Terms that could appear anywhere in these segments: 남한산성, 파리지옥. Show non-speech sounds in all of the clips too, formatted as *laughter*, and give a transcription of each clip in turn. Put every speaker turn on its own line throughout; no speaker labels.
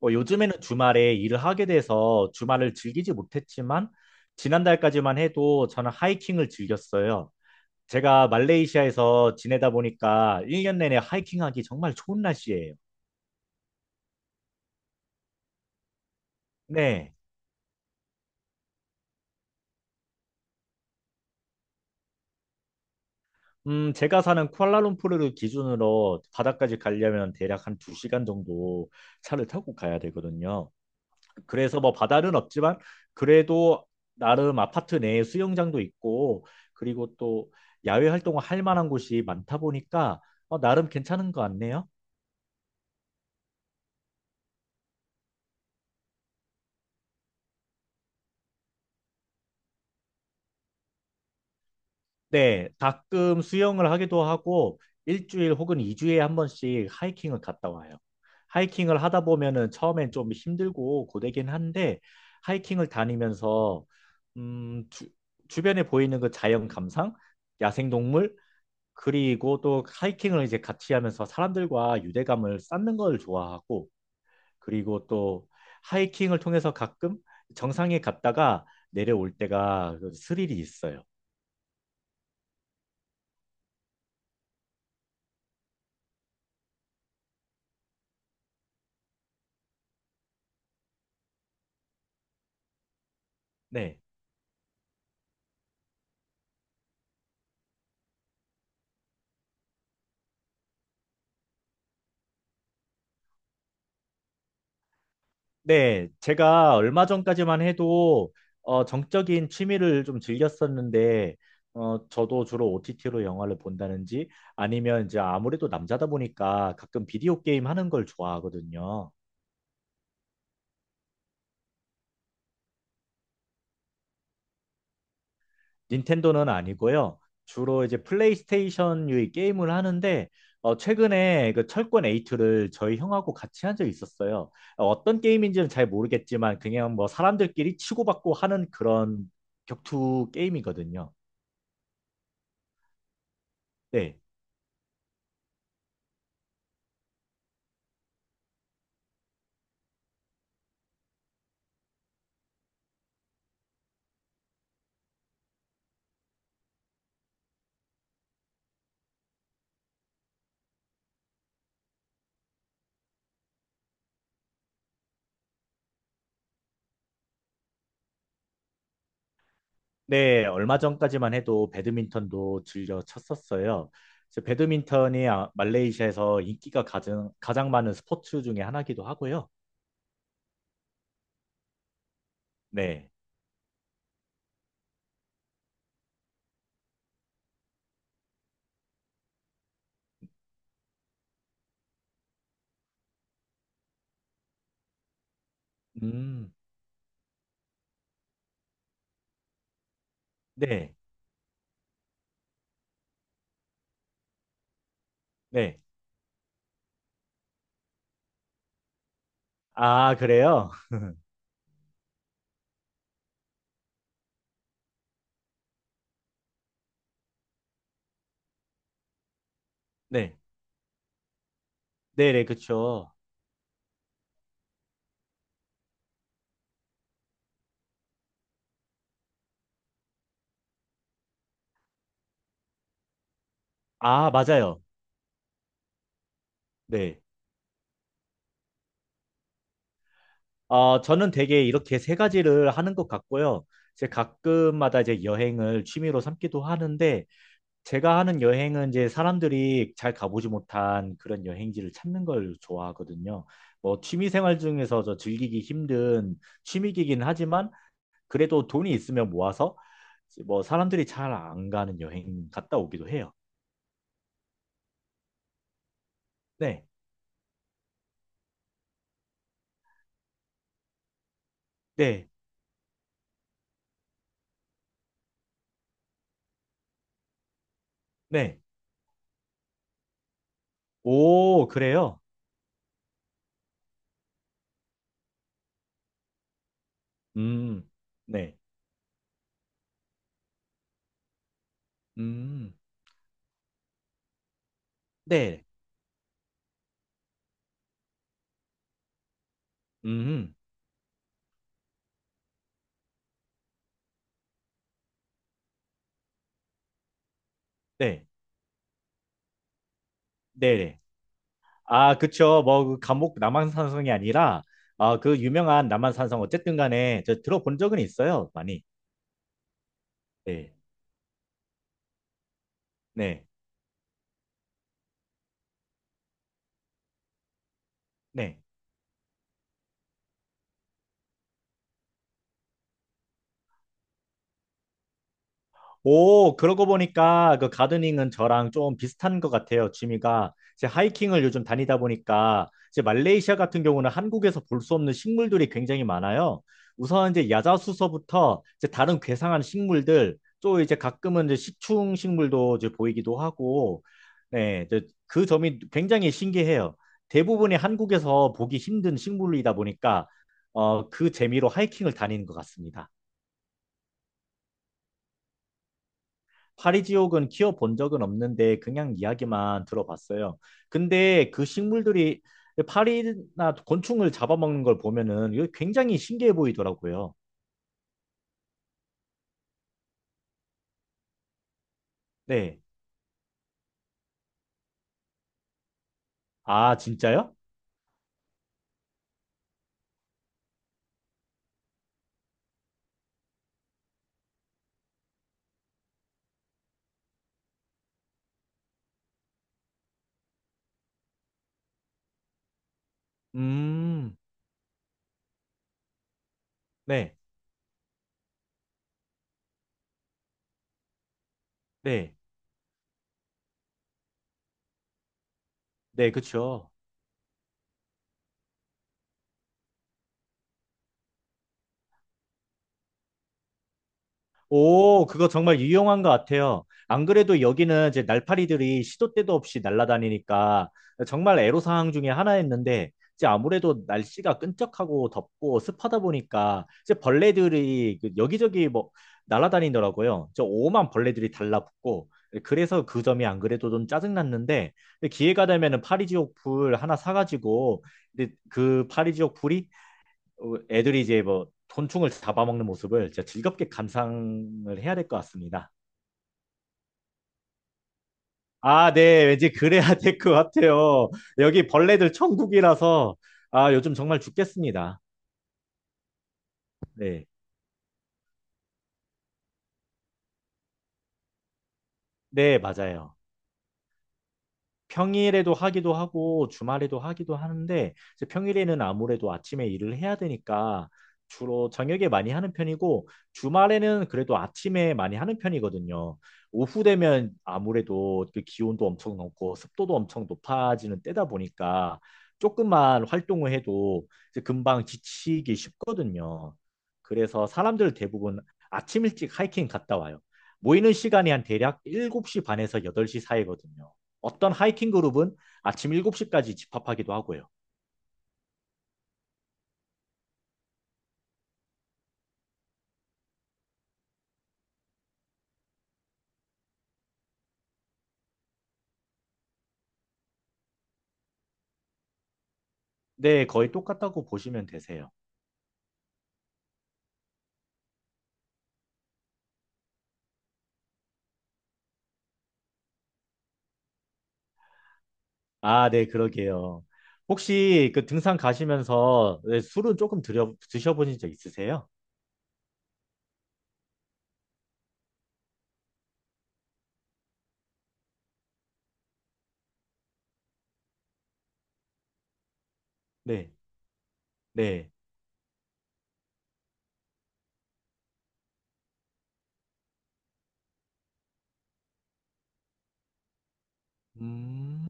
뭐 요즘에는 주말에 일을 하게 돼서 주말을 즐기지 못했지만 지난달까지만 해도 저는 하이킹을 즐겼어요. 제가 말레이시아에서 지내다 보니까 1년 내내 하이킹하기 정말 좋은 날씨예요. 네. 제가 사는 쿠알라룸푸르를 기준으로 바다까지 가려면 대략 한 2시간 정도 차를 타고 가야 되거든요. 그래서 뭐 바다는 없지만 그래도 나름 아파트 내에 수영장도 있고 그리고 또 야외 활동을 할 만한 곳이 많다 보니까 나름 괜찮은 것 같네요. 네, 가끔 수영을 하기도 하고 일주일 혹은 이주에한 번씩 하이킹을 갔다 와요. 하이킹을 하다 보면은 처음엔 좀 힘들고 고되긴 한데 하이킹을 다니면서 음, 주, 주변에 보이는 그 자연 감상, 야생동물, 그리고 또 하이킹을 이제 같이 하면서 사람들과 유대감을 쌓는 걸 좋아하고 그리고 또 하이킹을 통해서 가끔 정상에 갔다가 내려올 때가 그 스릴이 있어요. 네. 네. 제가 얼마 전까지만 해도 정적인 취미를 좀 즐겼었는데 저도 주로 OTT로 영화를 본다든지 아니면 이제 아무래도 남자다 보니까 가끔 비디오 게임 하는 걸 좋아하거든요. 닌텐도는 아니고요. 주로 이제 플레이스테이션 유의 게임을 하는데 최근에 그 철권 8를 저희 형하고 같이 한 적이 있었어요. 어떤 게임인지는 잘 모르겠지만 그냥 뭐 사람들끼리 치고받고 하는 그런 격투 게임이거든요. 네. 네, 얼마 전까지만 해도 배드민턴도 즐겨 쳤었어요. 그래서 배드민턴이 말레이시아에서 인기가 가장, 가장 많은 스포츠 중에 하나기도 하고요. 네. 음, 네, 네. 아, 그래요? *laughs* 네. 네네, 그쵸. 아, 맞아요. 네. 어, 저는 되게 이렇게 세 가지를 하는 것 같고요. 제 가끔마다 이제 여행을 취미로 삼기도 하는데, 제가 하는 여행은 이제 사람들이 잘 가보지 못한 그런 여행지를 찾는 걸 좋아하거든요. 뭐, 취미 생활 중에서 저 즐기기 힘든 취미이긴 하지만, 그래도 돈이 있으면 모아서, 뭐, 사람들이 잘 안 가는 여행 갔다 오기도 해요. 네, 네, 네. 오, 그래요? 음, 네. 음, 네, 음, 네, 네, 네. 아, 그쵸. 뭐, 그 감옥 남한산성이 아니라, 아, 그 유명한 남한산성, 어쨌든 간에, 저 들어본 적은 있어요, 많이. 네, 네, 네. 오, 그러고 보니까 그 가드닝은 저랑 좀 비슷한 것 같아요. 취미가 이제 하이킹을 요즘 다니다 보니까 이제 말레이시아 같은 경우는 한국에서 볼 수 없는 식물들이 굉장히 많아요. 우선 이제 야자수서부터 이제 다른 괴상한 식물들 또 이제 가끔은 이제 식충 식물도 이제 보이기도 하고 네, 이제 그 점이 굉장히 신기해요. 대부분이 한국에서 보기 힘든 식물이다 보니까 그 재미로 하이킹을 다니는 것 같습니다. 파리지옥은 키워본 적은 없는데 그냥 이야기만 들어봤어요. 근데 그 식물들이 파리나 곤충을 잡아먹는 걸 보면은 이거 굉장히 신기해 보이더라고요. 네. 아, 진짜요? 음, 네, 네, 네, 그쵸. 오, 그거 정말 유용한 것 같아요. 안 그래도 여기는 이제 날파리들이 시도 때도 없이 날아다니니까 정말 애로사항 중에 하나였는데, 이제 아무래도 날씨가 끈적하고 덥고 습하다 보니까 이제 벌레들이 그 여기저기 뭐 날아다니더라고요. 저 오만 벌레들이 달라붙고, 그래서 그 점이 안 그래도 좀 짜증났는데, 기회가 되면은 파리지옥 불 하나 사가지고, 근데 그 파리지옥 불이 애들이 이제 뭐 곤충을 잡아먹는 모습을 진짜 즐겁게 감상을 해야 될 것 같습니다. 아, 네. 왠지 그래야 *laughs* 될 것 같아요. 여기 벌레들 천국이라서 아, 요즘 정말 죽겠습니다. 네. 네, 맞아요. 평일에도 하기도 하고 주말에도 하기도 하는데 이제 평일에는 아무래도 아침에 일을 해야 되니까 주로 저녁에 많이 하는 편이고 주말에는 그래도 아침에 많이 하는 편이거든요. 오후 되면 아무래도 그 기온도 엄청 높고 습도도 엄청 높아지는 때다 보니까 조금만 활동을 해도 이제 금방 지치기 쉽거든요. 그래서 사람들 대부분 아침 일찍 하이킹 갔다 와요. 모이는 시간이 한 대략 7시 반에서 8시 사이거든요. 어떤 하이킹 그룹은 아침 7시까지 집합하기도 하고요. 네, 거의 똑같다고 보시면 되세요. 아, 네, 그러게요. 혹시 그 등산 가시면서 네, 술은 조금 드셔보신 적 있으세요? 네, 네. 음,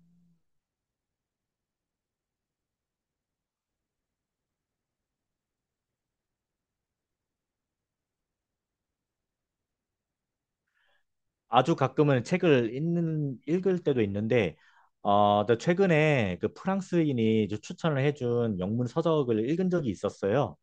아주 가끔은 책을 읽을 때도 있는데, 나 최근에 그 프랑스인이 이제 추천을 해준 영문 서적을 읽은 적이 있었어요.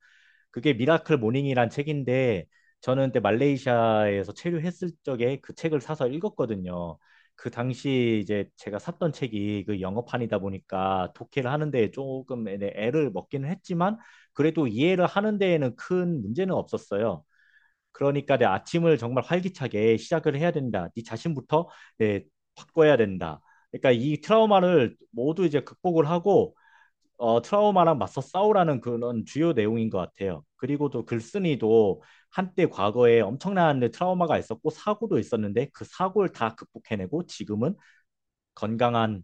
그게 미라클 모닝이란 책인데 저는 그때 말레이시아에서 체류했을 적에 그 책을 사서 읽었거든요. 그 당시 이제 제가 샀던 책이 그 영어판이다 보니까 독해를 하는 데 조금 애를 먹기는 했지만 그래도 이해를 하는 데에는 큰 문제는 없었어요. 그러니까 내 아침을 정말 활기차게 시작을 해야 된다. 네 자신부터 예, 바꿔야 된다. 그러니까 이 트라우마를 모두 이제 극복을 하고 트라우마랑 맞서 싸우라는 그런 주요 내용인 것 같아요. 그리고 또 글쓴이도 한때 과거에 엄청난 트라우마가 있었고 사고도 있었는데 그 사고를 다 극복해내고 지금은 건강한,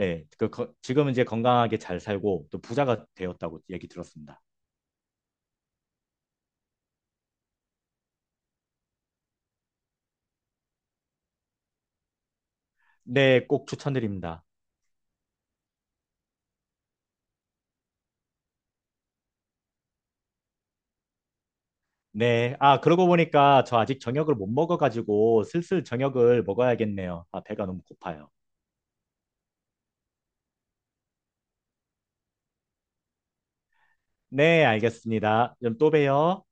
지금은 이제 건강하게 잘 살고 또 부자가 되었다고 얘기 들었습니다. 네, 꼭 추천드립니다. 네, 아, 그러고 보니까 저 아직 저녁을 못 먹어가지고 슬슬 저녁을 먹어야겠네요. 아, 배가 너무 고파요. 네, 알겠습니다. 그럼 또 봬요.